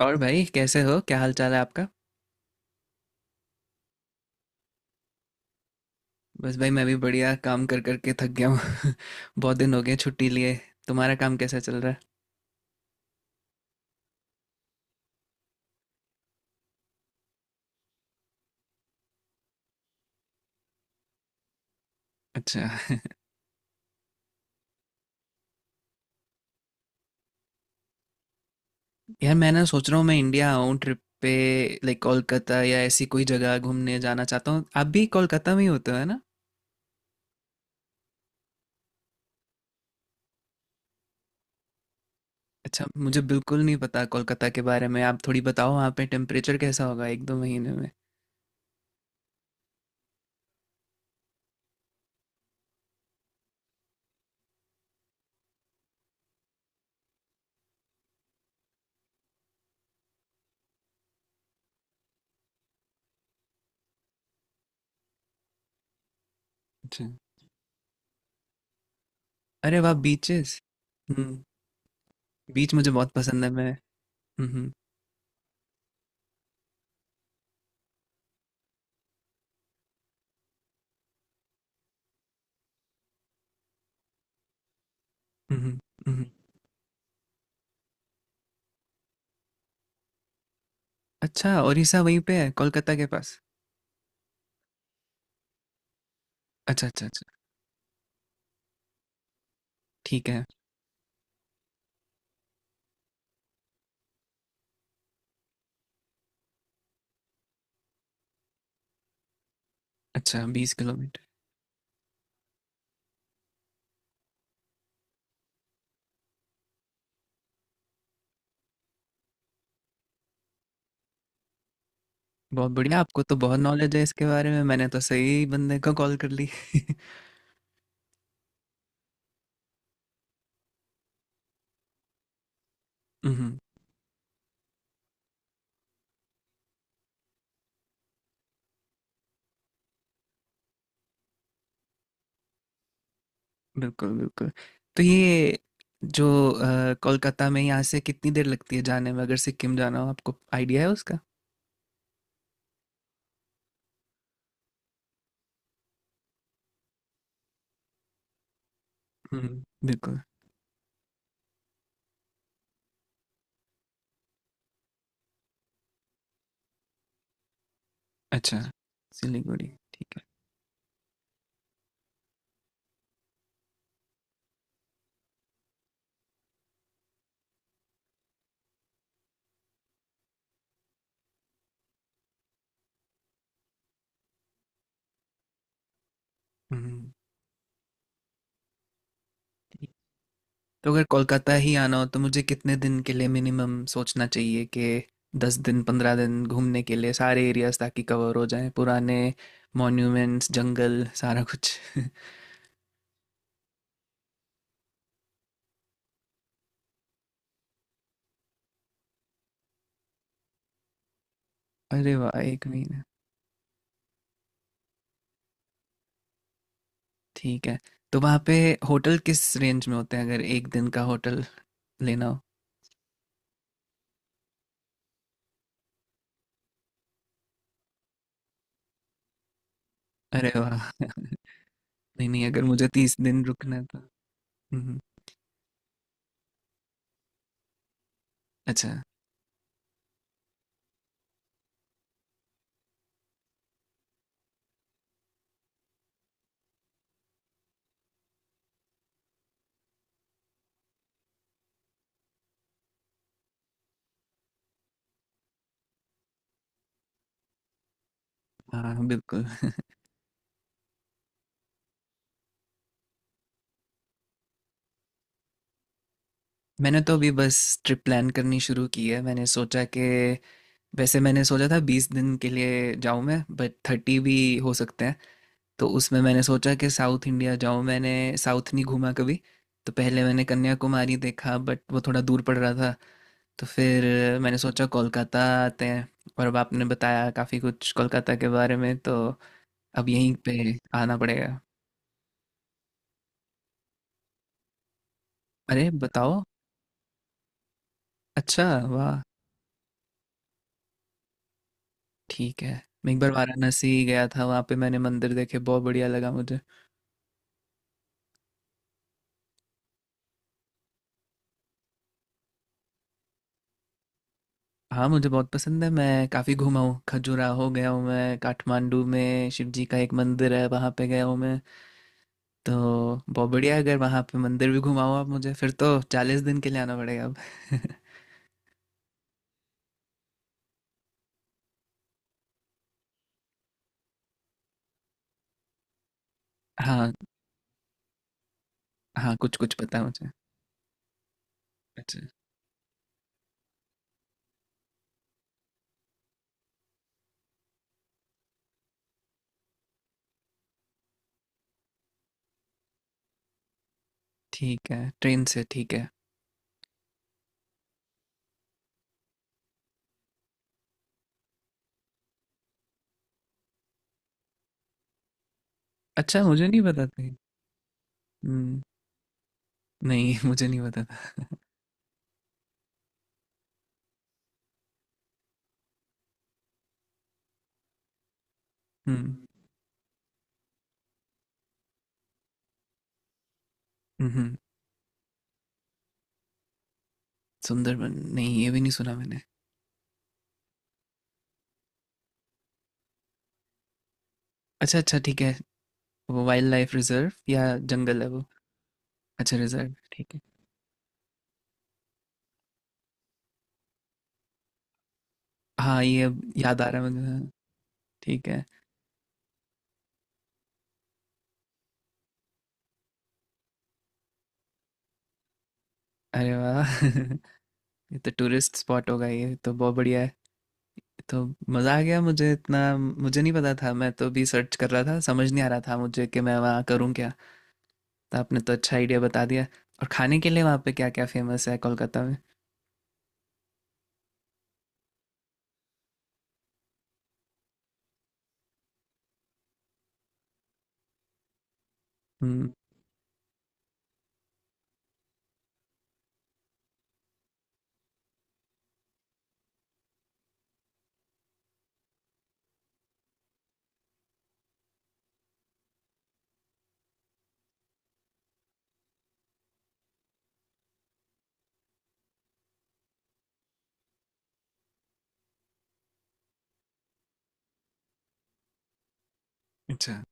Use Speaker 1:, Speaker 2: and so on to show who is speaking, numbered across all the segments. Speaker 1: और भाई, कैसे हो? क्या हाल चाल है आपका? बस भाई, मैं भी बढ़िया। काम कर कर के थक गया हूँ। बहुत दिन हो गए छुट्टी लिए। तुम्हारा काम कैसा चल रहा है? अच्छा। यार मैं ना सोच रहा हूँ मैं इंडिया आऊँ ट्रिप पे। लाइक कोलकाता या ऐसी कोई जगह घूमने जाना चाहता हूँ। आप भी कोलकाता में ही होते हो, है ना? अच्छा, मुझे बिल्कुल नहीं पता कोलकाता के बारे में। आप थोड़ी बताओ, वहाँ पे टेम्परेचर कैसा होगा एक दो महीने में? अच्छा। अरे वाह, बीचेस। हम्म। बीच मुझे बहुत पसंद है मैं। हम्म। हम्म। हम्म। हम्म। अच्छा, ओरिसा वहीं पे है कोलकाता के पास? अच्छा अच्छा अच्छा। ठीक है। अच्छा, 20 किलोमीटर। बहुत बढ़िया, आपको तो बहुत नॉलेज है इसके बारे में। मैंने तो सही बंदे को कॉल कर ली। हम्म, बिल्कुल बिल्कुल। तो ये जो कोलकाता में यहाँ से कितनी देर लगती है जाने में, अगर सिक्किम जाना हो? आपको आइडिया है उसका? हम्म, बिल्कुल। अच्छा, सिलीगुड़ी। ठीक है। हम्म। तो अगर कोलकाता ही आना हो तो मुझे कितने दिन के लिए मिनिमम सोचना चाहिए, कि 10 दिन, 15 दिन घूमने के लिए सारे एरियाज, ताकि कवर हो जाएं पुराने मॉन्यूमेंट्स, जंगल, सारा कुछ। अरे वाह, एक महीना। ठीक है। तो वहाँ पे होटल किस रेंज में होते हैं अगर एक दिन का होटल लेना हो? अरे वाह। नहीं नहीं, अगर मुझे 30 दिन रुकना है तो। हम्म, अच्छा। हाँ बिल्कुल। मैंने तो अभी बस ट्रिप प्लान करनी शुरू की है। मैंने सोचा कि वैसे मैंने सोचा था 20 दिन के लिए जाऊँ मैं, बट 30 भी हो सकते हैं। तो उसमें मैंने सोचा कि साउथ इंडिया जाऊँ। मैंने साउथ नहीं घूमा कभी। तो पहले मैंने कन्याकुमारी देखा, बट वो थोड़ा दूर पड़ रहा था। तो फिर मैंने सोचा कोलकाता आते हैं। और अब आपने बताया काफ़ी कुछ कोलकाता के बारे में, तो अब यहीं पे आना पड़ेगा। अरे बताओ। अच्छा। वाह। ठीक है। मैं एक बार वाराणसी गया था, वहाँ पे मैंने मंदिर देखे, बहुत बढ़िया लगा मुझे। हाँ, मुझे बहुत पसंद है, मैं काफ़ी घूमा हूँ, खजुराहो गया हूँ मैं, काठमांडू में शिव जी का एक मंदिर है वहाँ पे गया हूँ मैं। तो बहुत बढ़िया है, अगर वहाँ पे मंदिर भी घुमाओ आप मुझे फिर तो 40 दिन के लिए आना पड़ेगा अब। हाँ। हाँ, कुछ कुछ पता है मुझे। अच्छा। ठीक है, ट्रेन से, ठीक है। अच्छा, मुझे नहीं पता था। हम्म। नहीं, मुझे नहीं पता था। हम्म। हम्म। सुंदरबन? नहीं, ये भी नहीं सुना मैंने। अच्छा अच्छा, ठीक है। वो वाइल्ड लाइफ रिजर्व या जंगल है वो? अच्छा, रिजर्व, ठीक है। हाँ, ये अब याद आ रहा है मुझे, हाँ। ठीक है। अरे वाह, ये तो टूरिस्ट स्पॉट होगा, ये तो बहुत बढ़िया है। तो मज़ा आ गया मुझे, इतना मुझे नहीं पता था, मैं तो भी सर्च कर रहा था, समझ नहीं आ रहा था मुझे कि मैं वहाँ करूँ क्या। तो आपने तो अच्छा आइडिया बता दिया। और खाने के लिए वहाँ पे क्या क्या फेमस है कोलकाता में? हम्म। अच्छा।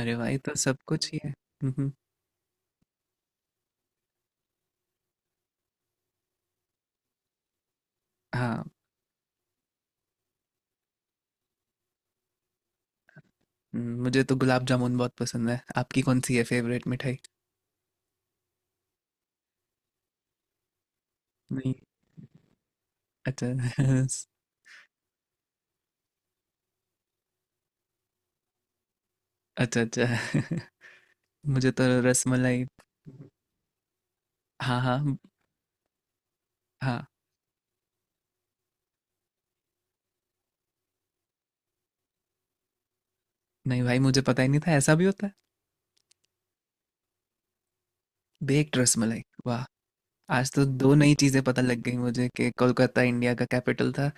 Speaker 1: अरे भाई, तो सब कुछ ही है। हम्म, हम्म। हाँ। मुझे तो गुलाब जामुन बहुत पसंद है। आपकी कौन सी है फेवरेट मिठाई? नहीं। अच्छा। अच्छा अच्छा। मुझे तो रसमलाई। हाँ हाँ। हाँ। नहीं भाई, मुझे पता ही नहीं था ऐसा भी होता है। बेक्ड रसमलाई? वाह। आज तो दो नई चीजें पता लग गई मुझे, कि कोलकाता इंडिया का कैपिटल था,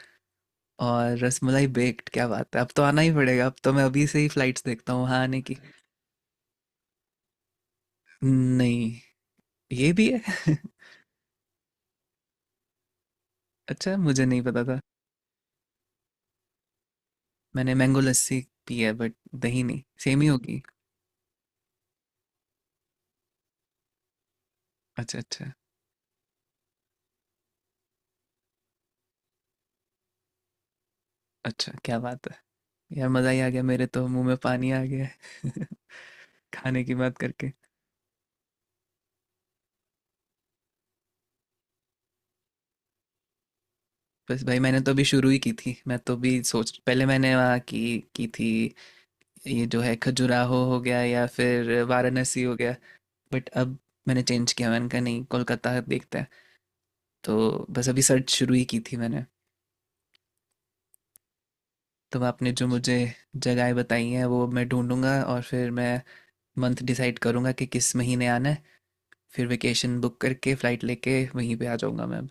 Speaker 1: और रसमलाई बेक्ड, क्या बात है। अब तो आना ही पड़ेगा, अब तो मैं अभी से ही फ्लाइट्स देखता हूँ वहाँ आने की। नहीं। ये भी है? अच्छा, मुझे नहीं पता था। मैंने मैंगो लस्सी पी है, बट दही नहीं, सेम ही होगी। अच्छा अच्छा। अच्छा, क्या बात है, यार मज़ा ही आ गया, मेरे तो मुंह में पानी आ गया। है। खाने की बात करके। बस भाई, मैंने तो अभी शुरू ही की थी। मैं तो भी सोच पहले मैंने वहाँ की थी, ये जो है खजुराहो हो गया या फिर वाराणसी हो गया। बट अब मैंने चेंज किया, मैंने कहा नहीं, कोलकाता देखते हैं। तो बस अभी सर्च शुरू ही की थी मैंने। तो आपने जो मुझे जगहें बताई हैं वो मैं ढूंढूंगा, और फिर मैं मंथ डिसाइड करूंगा कि किस महीने आना है। फिर वेकेशन बुक करके फ़्लाइट लेके वहीं पे आ जाऊंगा मैं।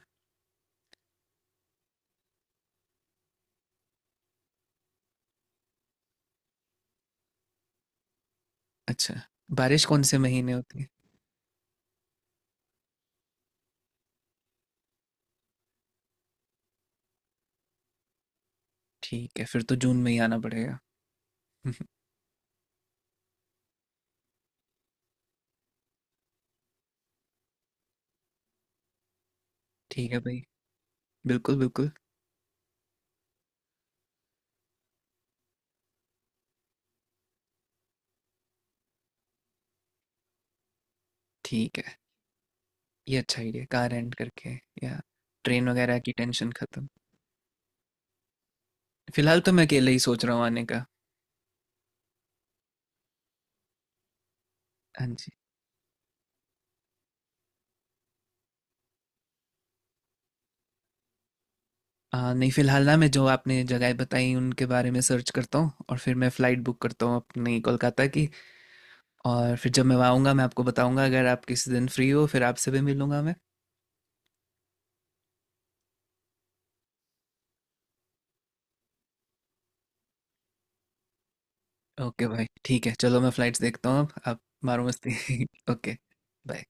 Speaker 1: अच्छा, बारिश कौन से महीने होती है? ठीक है, फिर तो जून में ही आना पड़ेगा। ठीक है भाई। बिल्कुल बिल्कुल। ठीक है, ये अच्छा idea है, कार रेंट करके, या ट्रेन वगैरह की टेंशन खत्म। फिलहाल तो मैं अकेले ही सोच रहा हूँ आने का। हाँ जी। नहीं, फिलहाल ना मैं जो आपने जगह बताई उनके बारे में सर्च करता हूँ, और फिर मैं फ़्लाइट बुक करता हूँ अपनी कोलकाता की। और फिर जब मैं वहाँ आऊँगा मैं आपको बताऊँगा, अगर आप किसी दिन फ्री हो फिर आपसे भी मिलूँगा मैं। ओके भाई, ठीक है चलो, मैं फ़्लाइट्स देखता हूँ अब, आप मारो मस्ती। Okay, bye.